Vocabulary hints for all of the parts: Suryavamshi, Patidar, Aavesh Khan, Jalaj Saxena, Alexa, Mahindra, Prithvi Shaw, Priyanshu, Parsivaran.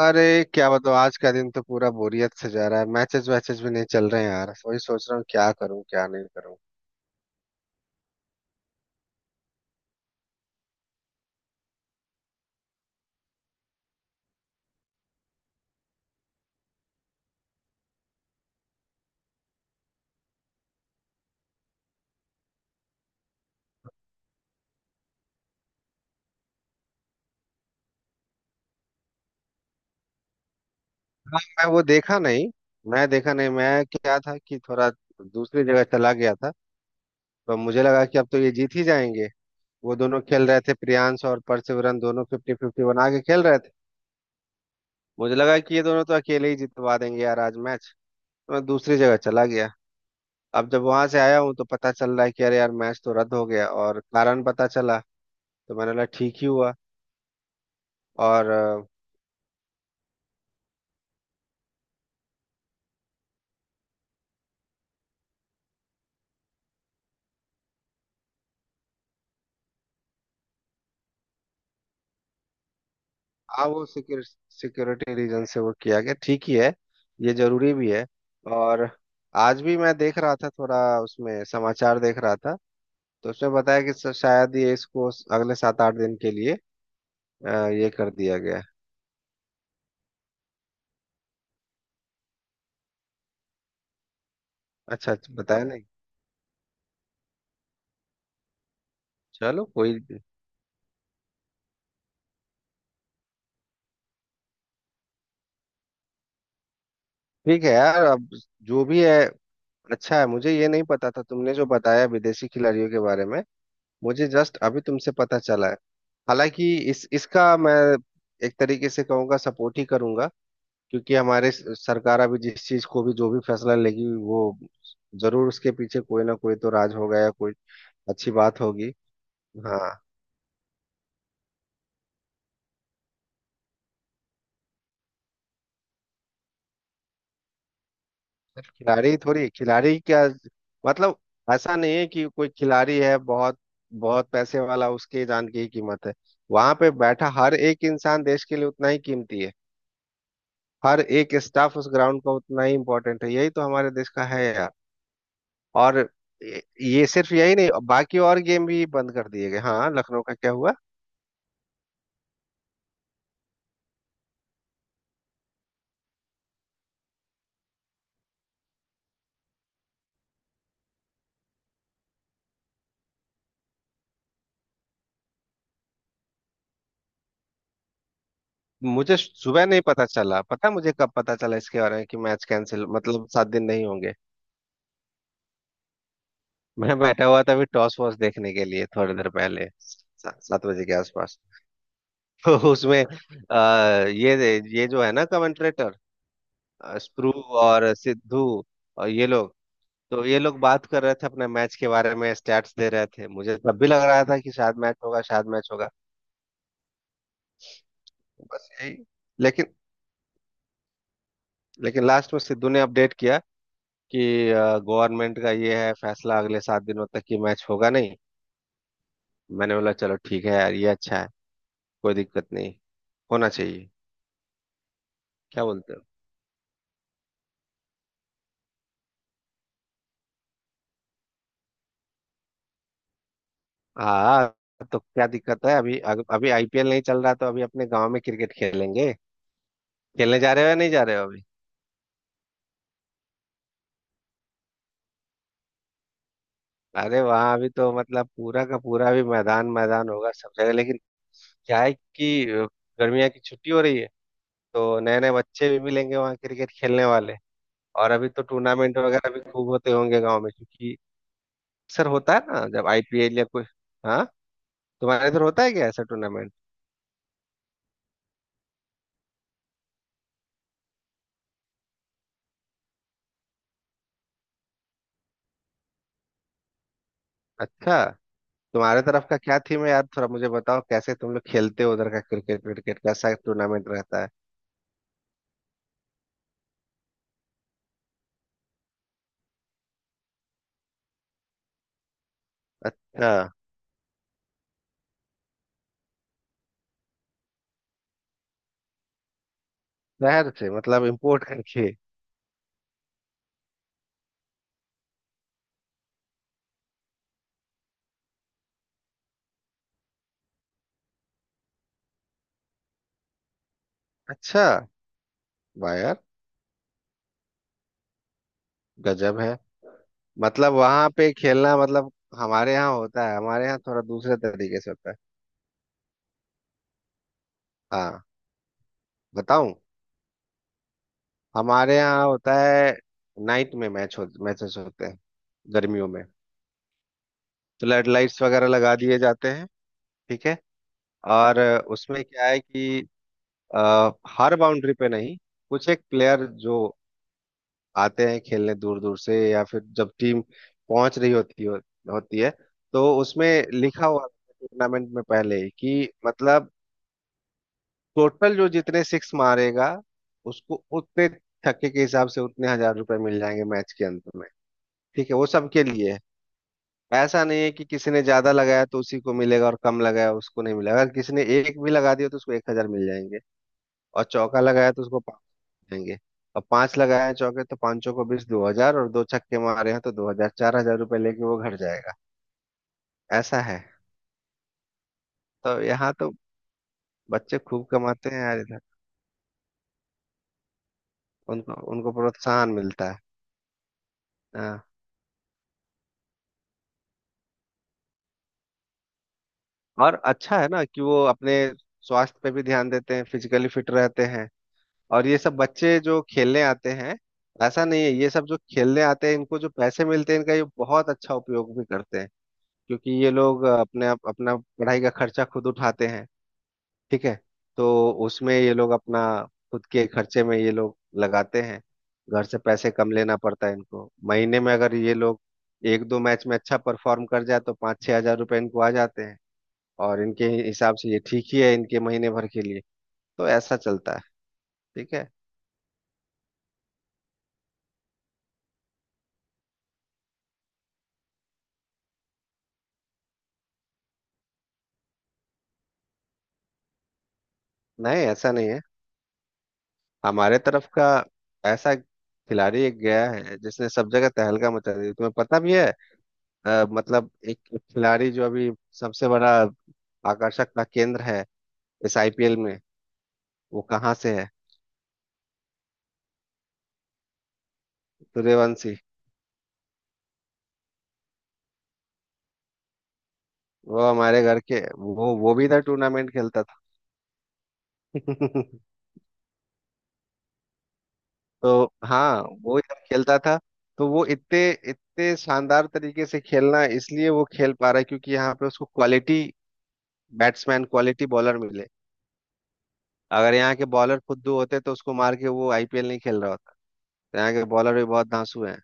अरे क्या बताओ आज का दिन तो पूरा बोरियत से जा रहा है। मैचेस वैचेस भी नहीं चल रहे हैं यार। वही सोच रहा हूँ क्या करूँ क्या नहीं करूँ। मैं वो देखा नहीं। मैं देखा नहीं, मैं क्या था कि थोड़ा दूसरी जगह चला गया था। तो मुझे लगा कि अब तो ये जीत ही जाएंगे। वो दोनों खेल रहे थे, प्रियांश और परसिवरन, दोनों फिफ्टी फिफ्टी बना के खेल रहे थे। मुझे लगा कि ये दोनों तो अकेले ही जितवा देंगे यार आज मैच। तो मैं दूसरी जगह चला गया। अब जब वहां से आया हूँ तो पता चल रहा है कि अरे यार मैच तो रद्द हो गया, और कारण पता चला तो मैंने बोला ठीक ही हुआ। और हाँ, वो सिक्योरिटी रीजन से वो किया गया, ठीक ही है। ये जरूरी भी है। और आज भी मैं देख रहा था थोड़ा, उसमें समाचार देख रहा था। तो उसमें बताया कि शायद ये इसको अगले 7-8 दिन के लिए ये कर दिया गया है। अच्छा अच्छा, बताया नहीं। चलो कोई, ठीक है यार अब जो भी है। अच्छा है, मुझे ये नहीं पता था तुमने जो बताया विदेशी खिलाड़ियों के बारे में। मुझे जस्ट अभी तुमसे पता चला है। हालांकि इस इसका मैं एक तरीके से कहूँगा, सपोर्ट ही करूँगा, क्योंकि हमारे सरकार अभी जिस चीज को भी, जो भी फैसला लेगी वो जरूर उसके पीछे कोई ना कोई तो राज होगा या कोई अच्छी बात होगी। हाँ, बिल्कुल। खिलाड़ी थोड़ी, खिलाड़ी क्या मतलब, ऐसा नहीं है कि कोई खिलाड़ी है बहुत बहुत पैसे वाला उसके जान की ही कीमत है। वहां पे बैठा हर एक इंसान देश के लिए उतना ही कीमती है। हर एक स्टाफ उस ग्राउंड का उतना ही इम्पोर्टेंट है, यही तो हमारे देश का है यार। और ये सिर्फ यही नहीं, बाकी और गेम भी बंद कर दिए गए। हाँ, लखनऊ का क्या हुआ। मुझे सुबह नहीं पता चला। पता है मुझे कब पता चला इसके बारे में कि मैच कैंसिल, मतलब 7 दिन नहीं होंगे। मैं बैठा हुआ था अभी टॉस वॉस देखने के लिए थोड़ी देर पहले, 7 बजे के आसपास। तो उसमें आ, ये ये जो है ना कमेंट्रेटर स्प्रू और सिद्धू और ये लोग, तो ये लोग बात कर रहे थे अपने मैच के बारे में, स्टैट्स दे रहे थे। मुझे तब भी लग रहा था कि शायद मैच होगा, शायद मैच होगा। बस यही। लेकिन लेकिन लास्ट में सिद्धू ने अपडेट किया कि गवर्नमेंट का ये है फैसला, अगले 7 दिनों तक कि मैच होगा नहीं। मैंने बोला चलो ठीक है यार, ये अच्छा है। कोई दिक्कत नहीं, होना चाहिए। क्या बोलते हो। हाँ, तो क्या दिक्कत है अभी, अभी आईपीएल नहीं चल रहा तो अभी अपने गांव में क्रिकेट खेलेंगे। खेलने जा रहे हो या नहीं जा रहे हो अभी? अरे वहां अभी तो मतलब पूरा का पूरा भी मैदान मैदान होगा सब जगह, लेकिन क्या है कि गर्मियाँ की छुट्टी हो रही है तो नए नए बच्चे भी मिलेंगे वहाँ क्रिकेट खेलने वाले। और अभी तो टूर्नामेंट वगैरह भी खूब होते होंगे गांव में, क्योंकि अक्सर होता है ना जब आईपीएल या कोई। हाँ, तुम्हारे इधर होता है क्या ऐसा टूर्नामेंट? अच्छा, तुम्हारे तरफ का क्या थीम है यार, थोड़ा मुझे बताओ कैसे तुम लोग खेलते हो उधर का क्रिकेट क्रिकेट कैसा टूर्नामेंट रहता है। अच्छा, शहर से मतलब इम्पोर्ट करके? अच्छा, वाह यार, गजब है। मतलब वहां पे खेलना मतलब, हमारे यहाँ होता है, हमारे यहाँ थोड़ा दूसरे तरीके से होता है। हाँ, बताऊं? हमारे यहाँ होता है, नाइट में मैच हो, मैचेस होते हैं गर्मियों में, तो लाइट्स वगैरह लगा दिए जाते हैं। ठीक है। और उसमें क्या है कि हर बाउंड्री पे नहीं, कुछ एक प्लेयर जो आते हैं खेलने दूर दूर से, या फिर जब टीम पहुंच रही होती हो, होती है, तो उसमें लिखा हुआ टूर्नामेंट में पहले ही कि मतलब टोटल जो जितने सिक्स मारेगा उसको उतने छक्के के हिसाब से उतने हजार रुपए मिल जाएंगे मैच के अंत में। ठीक है, वो सबके लिए है। ऐसा नहीं है कि किसी ने ज्यादा लगाया तो उसी को मिलेगा और कम लगाया उसको नहीं मिलेगा, अगर किसी ने एक भी लगा दिया तो उसको 1,000 मिल जाएंगे। और चौका लगाया तो उसको पाँच देंगे। और पांच लगाए हैं चौके तो पांचों को बीस, 2,000, और दो छक्के मारे हैं तो 2,000 4,000 रुपये लेके वो घर जाएगा। ऐसा है तो यहाँ तो बच्चे खूब कमाते हैं यार इधर। उनको उनको प्रोत्साहन मिलता है। हाँ, और अच्छा है ना कि वो अपने स्वास्थ्य पे भी ध्यान देते हैं, फिजिकली फिट रहते हैं। और ये सब बच्चे जो खेलने आते हैं, ऐसा नहीं है, ये सब जो खेलने आते हैं इनको जो पैसे मिलते हैं इनका ये बहुत अच्छा उपयोग भी करते हैं। क्योंकि ये लोग अपने अपना पढ़ाई का खर्चा खुद उठाते हैं। ठीक है, तो उसमें ये लोग अपना खुद के खर्चे में ये लोग लगाते हैं। घर से पैसे कम लेना पड़ता है इनको महीने में, अगर ये लोग एक दो मैच में अच्छा परफॉर्म कर जाए तो 5-6 हजार रुपये इनको आ जाते हैं। और इनके हिसाब से ये ठीक ही है इनके महीने भर के लिए। तो ऐसा चलता है, ठीक है। नहीं, ऐसा नहीं है, हमारे तरफ का ऐसा खिलाड़ी एक गया है जिसने सब जगह तहलका मचा दी, तुम्हें पता भी है। मतलब एक खिलाड़ी जो अभी सबसे बड़ा आकर्षक का केंद्र है इस आईपीएल में, वो कहाँ से है? सूर्यवंशी। वो हमारे घर के, वो भी इधर टूर्नामेंट खेलता था। तो हाँ, वो इधर खेलता था। तो वो इतने इतने शानदार तरीके से खेलना, इसलिए वो खेल पा रहा है क्योंकि यहाँ पे उसको क्वालिटी बैट्समैन, क्वालिटी बॉलर मिले। अगर यहाँ के बॉलर फुद्दू होते तो उसको मार के वो आईपीएल नहीं खेल रहा होता। तो यहाँ के बॉलर भी बहुत धांसू हैं,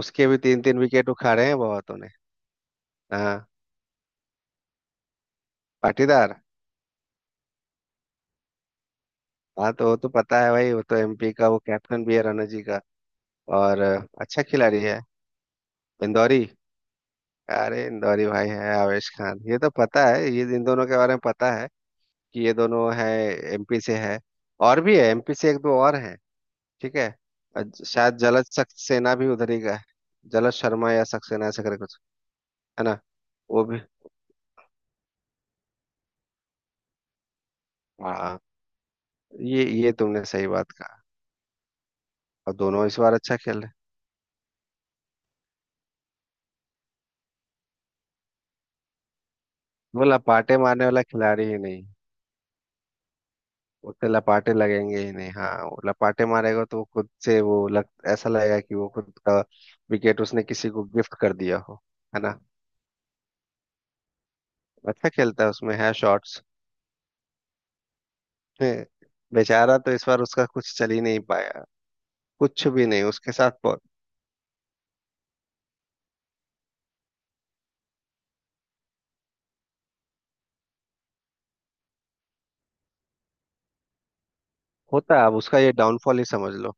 उसके भी तीन तीन विकेट उखा रहे हैं बहुतों ने। हाँ, पाटीदार। हाँ, तो वो तो पता है भाई, वो तो एमपी का वो कैप्टन भी है रणजी का। और अच्छा खिलाड़ी है, इंदौरी। अरे इंदौरी भाई है आवेश खान, ये तो पता है, ये इन दोनों के बारे में पता है कि ये दोनों है एमपी से, है और भी है एमपी से, एक दो और हैं। ठीक है। शायद जलज सक्सेना भी उधर ही का है, जलज शर्मा या सक्सेना ऐसा करके कुछ, है ना। वो भी। हाँ, ये तुमने सही बात कहा। और दोनों इस बार अच्छा खेल रहे। बोला पाटे मारने वाला खिलाड़ी ही नहीं, उससे लपाटे लगेंगे ही नहीं। हाँ वो लपाटे मारेगा तो वो खुद से वो लग, ऐसा लगेगा कि वो खुद का विकेट उसने किसी को गिफ्ट कर दिया हो, है ना। अच्छा खेलता है, उसमें है शॉट्स। बेचारा तो इस बार उसका कुछ चल ही नहीं पाया, कुछ भी नहीं उसके साथ। होता है, अब उसका ये डाउनफॉल ही समझ लो।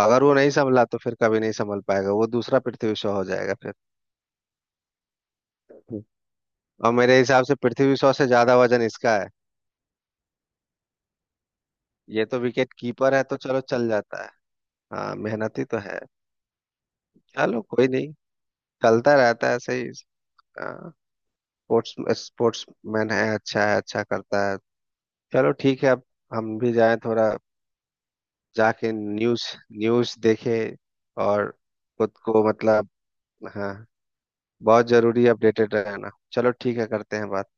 अगर वो नहीं संभला तो फिर कभी नहीं संभल पाएगा, वो दूसरा पृथ्वी शॉ हो जाएगा फिर। हम्म। और मेरे हिसाब से पृथ्वी शॉ से ज्यादा वजन इसका है। ये तो विकेट कीपर है तो चलो चल जाता है। हाँ, मेहनती तो है। चलो कोई नहीं, चलता रहता है सही। स्पोर्ट्स स्पोर्ट्स मैन है, अच्छा है, अच्छा करता है। चलो ठीक है अब हम भी जाएं थोड़ा, जाके न्यूज़ न्यूज़ देखे। और खुद को मतलब, हाँ, बहुत जरूरी अपडेटेड रहना। चलो ठीक है, करते हैं बात।